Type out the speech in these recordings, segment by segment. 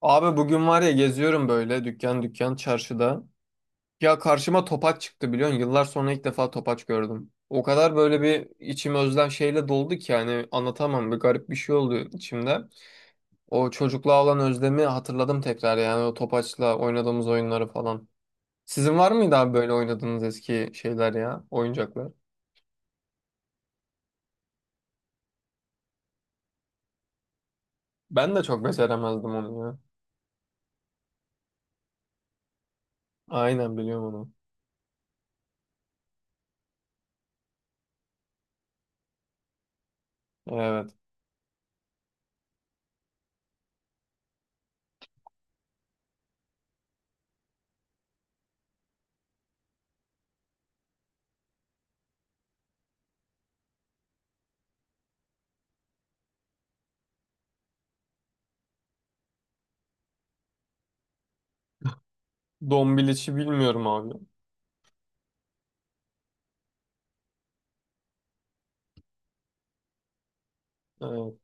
Abi bugün var ya geziyorum böyle dükkan dükkan çarşıda. Ya karşıma topaç çıktı biliyorsun. Yıllar sonra ilk defa topaç gördüm. O kadar böyle bir içim özlem şeyle doldu ki yani anlatamam. Bir garip bir şey oldu içimde. O çocukluğa olan özlemi hatırladım tekrar yani o topaçla oynadığımız oyunları falan. Sizin var mıydı abi böyle oynadığınız eski şeyler ya, oyuncaklar? Ben de çok beceremezdim onu ya. Aynen biliyorum onu. Evet. Dombiliçi bilmiyorum abi. Evet.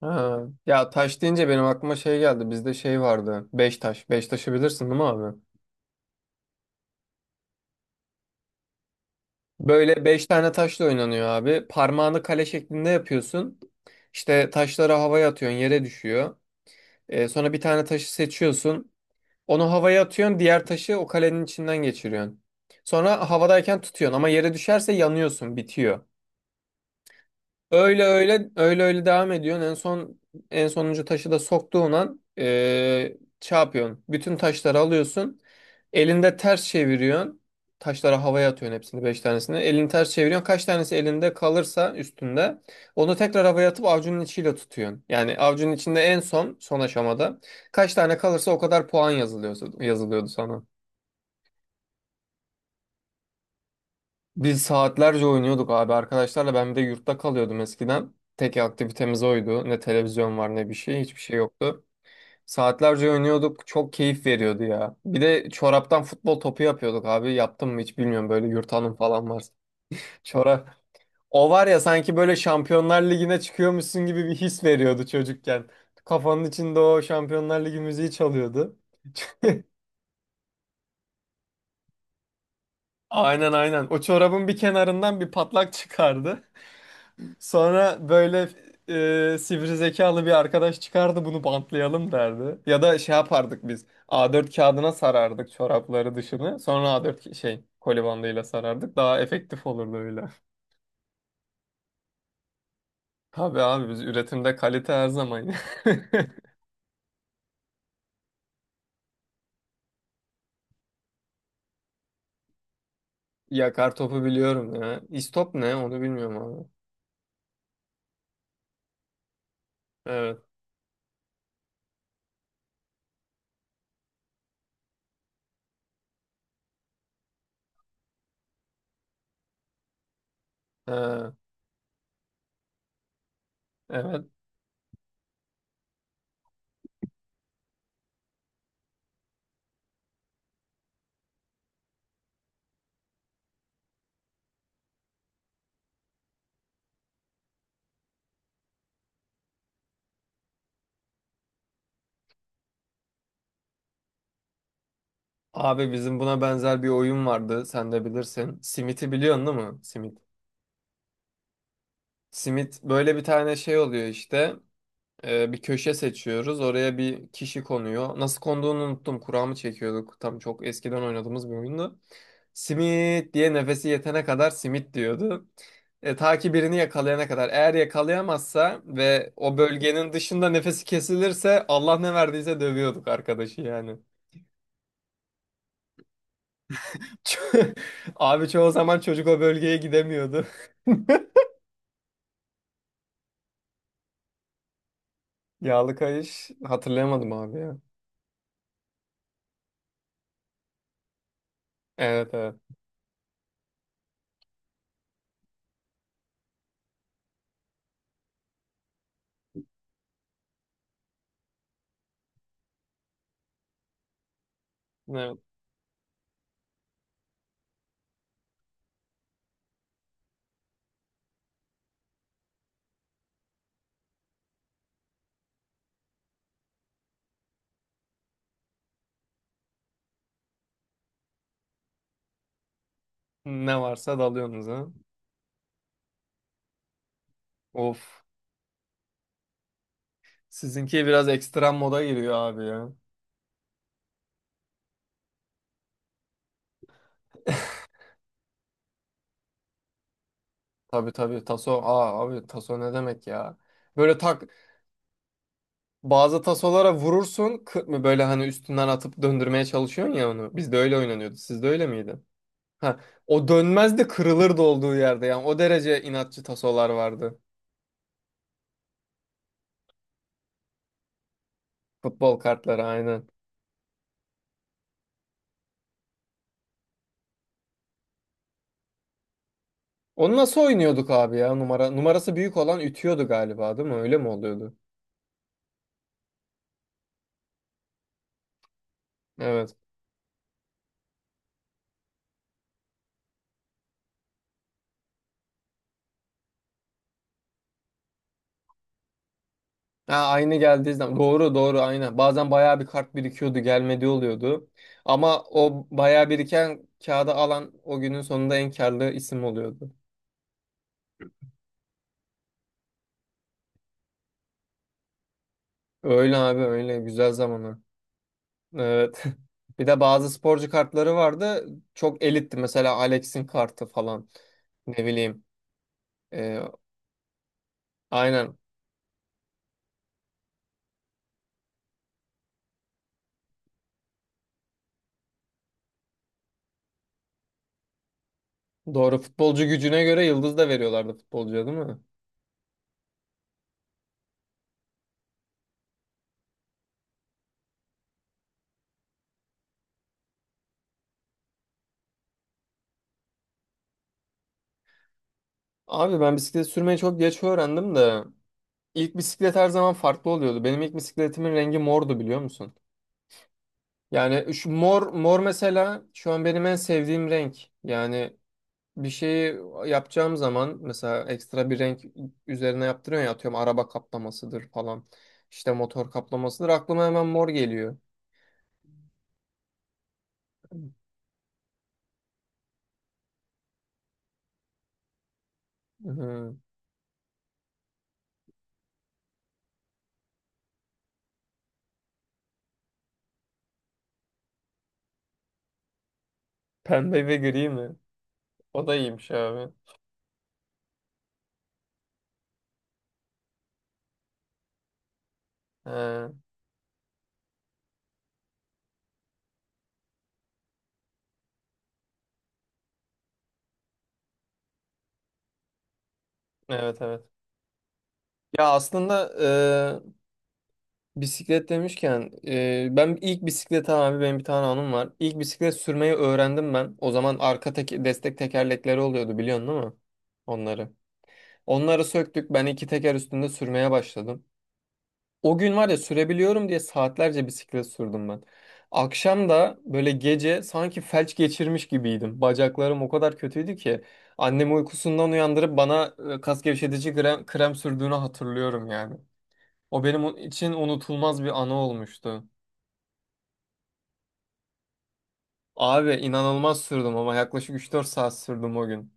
Ha. Ya taş deyince benim aklıma şey geldi. Bizde şey vardı. Beş taş. Beş taşı bilirsin değil mi abi? Böyle beş tane taşla oynanıyor abi. Parmağını kale şeklinde yapıyorsun. İşte taşları havaya atıyorsun, yere düşüyor. Sonra bir tane taşı seçiyorsun. Onu havaya atıyorsun, diğer taşı o kalenin içinden geçiriyorsun. Sonra havadayken tutuyorsun ama yere düşerse yanıyorsun, bitiyor. Öyle devam ediyorsun. En son en sonuncu taşı da soktuğun an şey yapıyorsun. Bütün taşları alıyorsun. Elinde ters çeviriyorsun. Taşları havaya atıyorsun hepsini beş tanesini. Elini ters çeviriyorsun. Kaç tanesi elinde kalırsa üstünde onu tekrar havaya atıp avcunun içiyle tutuyorsun. Yani avcunun içinde en son son aşamada kaç tane kalırsa o kadar puan yazılıyor, yazılıyordu sana. Biz saatlerce oynuyorduk abi arkadaşlarla. Ben bir de yurtta kalıyordum eskiden. Tek aktivitemiz oydu. Ne televizyon var ne bir şey. Hiçbir şey yoktu. Saatlerce oynuyorduk. Çok keyif veriyordu ya. Bir de çoraptan futbol topu yapıyorduk abi. Yaptım mı hiç bilmiyorum. Böyle yurt hanım falan var. Çorap. O var ya sanki böyle Şampiyonlar Ligi'ne çıkıyormuşsun gibi bir his veriyordu çocukken. Kafanın içinde o Şampiyonlar Ligi müziği çalıyordu. Aynen aynen. O çorabın bir kenarından bir patlak çıkardı. Sonra böyle sivri zekalı bir arkadaş çıkardı bunu bantlayalım derdi. Ya da şey yapardık biz. A4 kağıdına sarardık çorapları dışını. Sonra şey koli bandıyla sarardık. Daha efektif olurdu öyle. Tabii abi biz üretimde kalite her zaman. Yakar topu biliyorum ya. İstop ne onu bilmiyorum abi. Evet. Ha, evet. Abi bizim buna benzer bir oyun vardı. Sen de bilirsin. Simit'i biliyorsun değil mi? Simit. Simit böyle bir tane şey oluyor işte. Bir köşe seçiyoruz. Oraya bir kişi konuyor. Nasıl konduğunu unuttum. Kura mı çekiyorduk? Tam çok eskiden oynadığımız bir oyundu. Simit diye nefesi yetene kadar simit diyordu. E, ta ki birini yakalayana kadar. Eğer yakalayamazsa ve o bölgenin dışında nefesi kesilirse Allah ne verdiyse dövüyorduk arkadaşı yani. Abi çoğu zaman çocuk o bölgeye gidemiyordu. Yağlı kayış hatırlayamadım abi ya. Evet evet. Ne, Ne varsa dalıyorsunuz ha. Of. Sizinki biraz ekstrem moda giriyor abi ya. Tabii tabii taso. Aa abi taso ne demek ya? Böyle tak Bazı tasolara vurursun kı- mı böyle hani üstünden atıp döndürmeye çalışıyorsun ya onu. Bizde öyle oynanıyordu. Sizde öyle miydi? Ha, o dönmez de kırılırdı olduğu yerde yani o derece inatçı tasolar vardı. Futbol kartları aynen. Onu nasıl oynuyorduk abi ya? Numara numarası büyük olan ütüyordu galiba değil mi? Öyle mi oluyordu? Evet. Ha, aynı geldiği zaman doğru doğru aynen. Bazen bayağı bir kart birikiyordu, gelmedi oluyordu. Ama o bayağı biriken kağıda alan o günün sonunda en karlı isim oluyordu. Öyle abi öyle güzel zamanı. Evet. Bir de bazı sporcu kartları vardı. Çok elitti mesela Alex'in kartı falan. Ne bileyim. Ee, aynen. Doğru futbolcu gücüne göre yıldız da veriyorlardı futbolcuya değil mi? Abi ben bisiklet sürmeyi çok geç öğrendim de. İlk bisiklet her zaman farklı oluyordu. Benim ilk bisikletimin rengi mordu biliyor musun? Yani şu mor mor mesela şu an benim en sevdiğim renk. Yani bir şeyi yapacağım zaman mesela ekstra bir renk üzerine yaptırıyorum ya atıyorum araba kaplamasıdır falan. İşte motor kaplamasıdır. Aklıma hemen mor geliyor. Hı. Pembe ve gri mi? O da iyiymiş abi. He, evet evet. Ya aslında bisiklet demişken ben ilk bisiklet abi benim bir tane anım var. İlk bisiklet sürmeyi öğrendim ben. O zaman arka destek tekerlekleri oluyordu biliyorsun değil mi? Onları. Onları söktük ben iki teker üstünde sürmeye başladım. O gün var ya sürebiliyorum diye saatlerce bisiklet sürdüm ben. Akşam da böyle gece sanki felç geçirmiş gibiydim. Bacaklarım o kadar kötüydü ki annemi uykusundan uyandırıp bana kas gevşetici krem sürdüğünü hatırlıyorum yani. O benim için unutulmaz bir anı olmuştu. Abi inanılmaz sürdüm ama yaklaşık üç dört saat sürdüm o gün.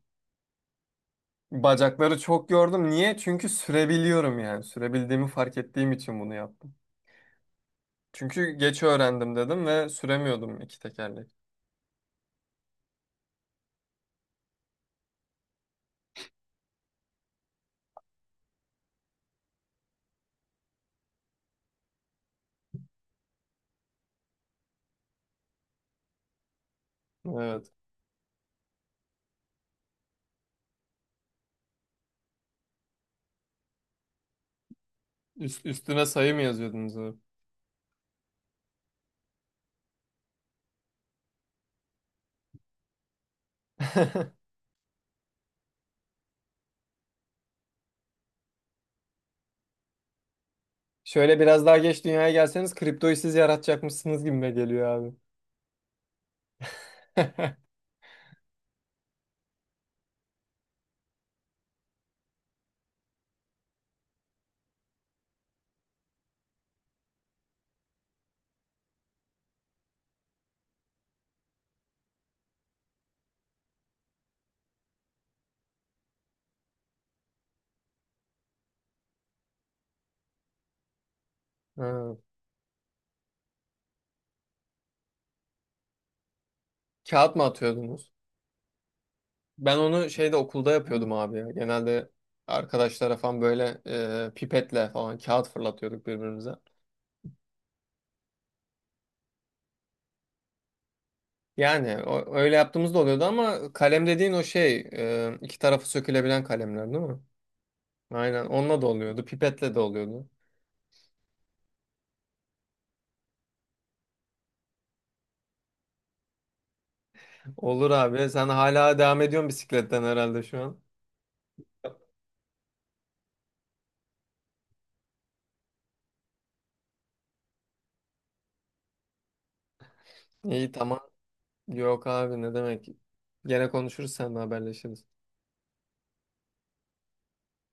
Bacakları çok gördüm. Niye? Çünkü sürebiliyorum yani. Sürebildiğimi fark ettiğim için bunu yaptım. Çünkü geç öğrendim dedim ve süremiyordum iki tekerlek. Evet. Üstüne sayı mı yazıyordunuz abi? Şöyle biraz daha geç dünyaya gelseniz kriptoyu siz yaratacakmışsınız gibime geliyor abi. Ha, kağıt mı atıyordunuz? Ben onu şeyde okulda yapıyordum abi ya. Genelde arkadaşlara falan böyle pipetle falan kağıt fırlatıyorduk birbirimize. Yani öyle yaptığımızda oluyordu ama kalem dediğin o şey iki tarafı sökülebilen kalemler değil mi? Aynen onunla da oluyordu pipetle de oluyordu. Olur abi sen hala devam ediyorsun bisikletten herhalde şu an. İyi tamam. Yok abi ne demek. Gene konuşuruz seninle haberleşiriz.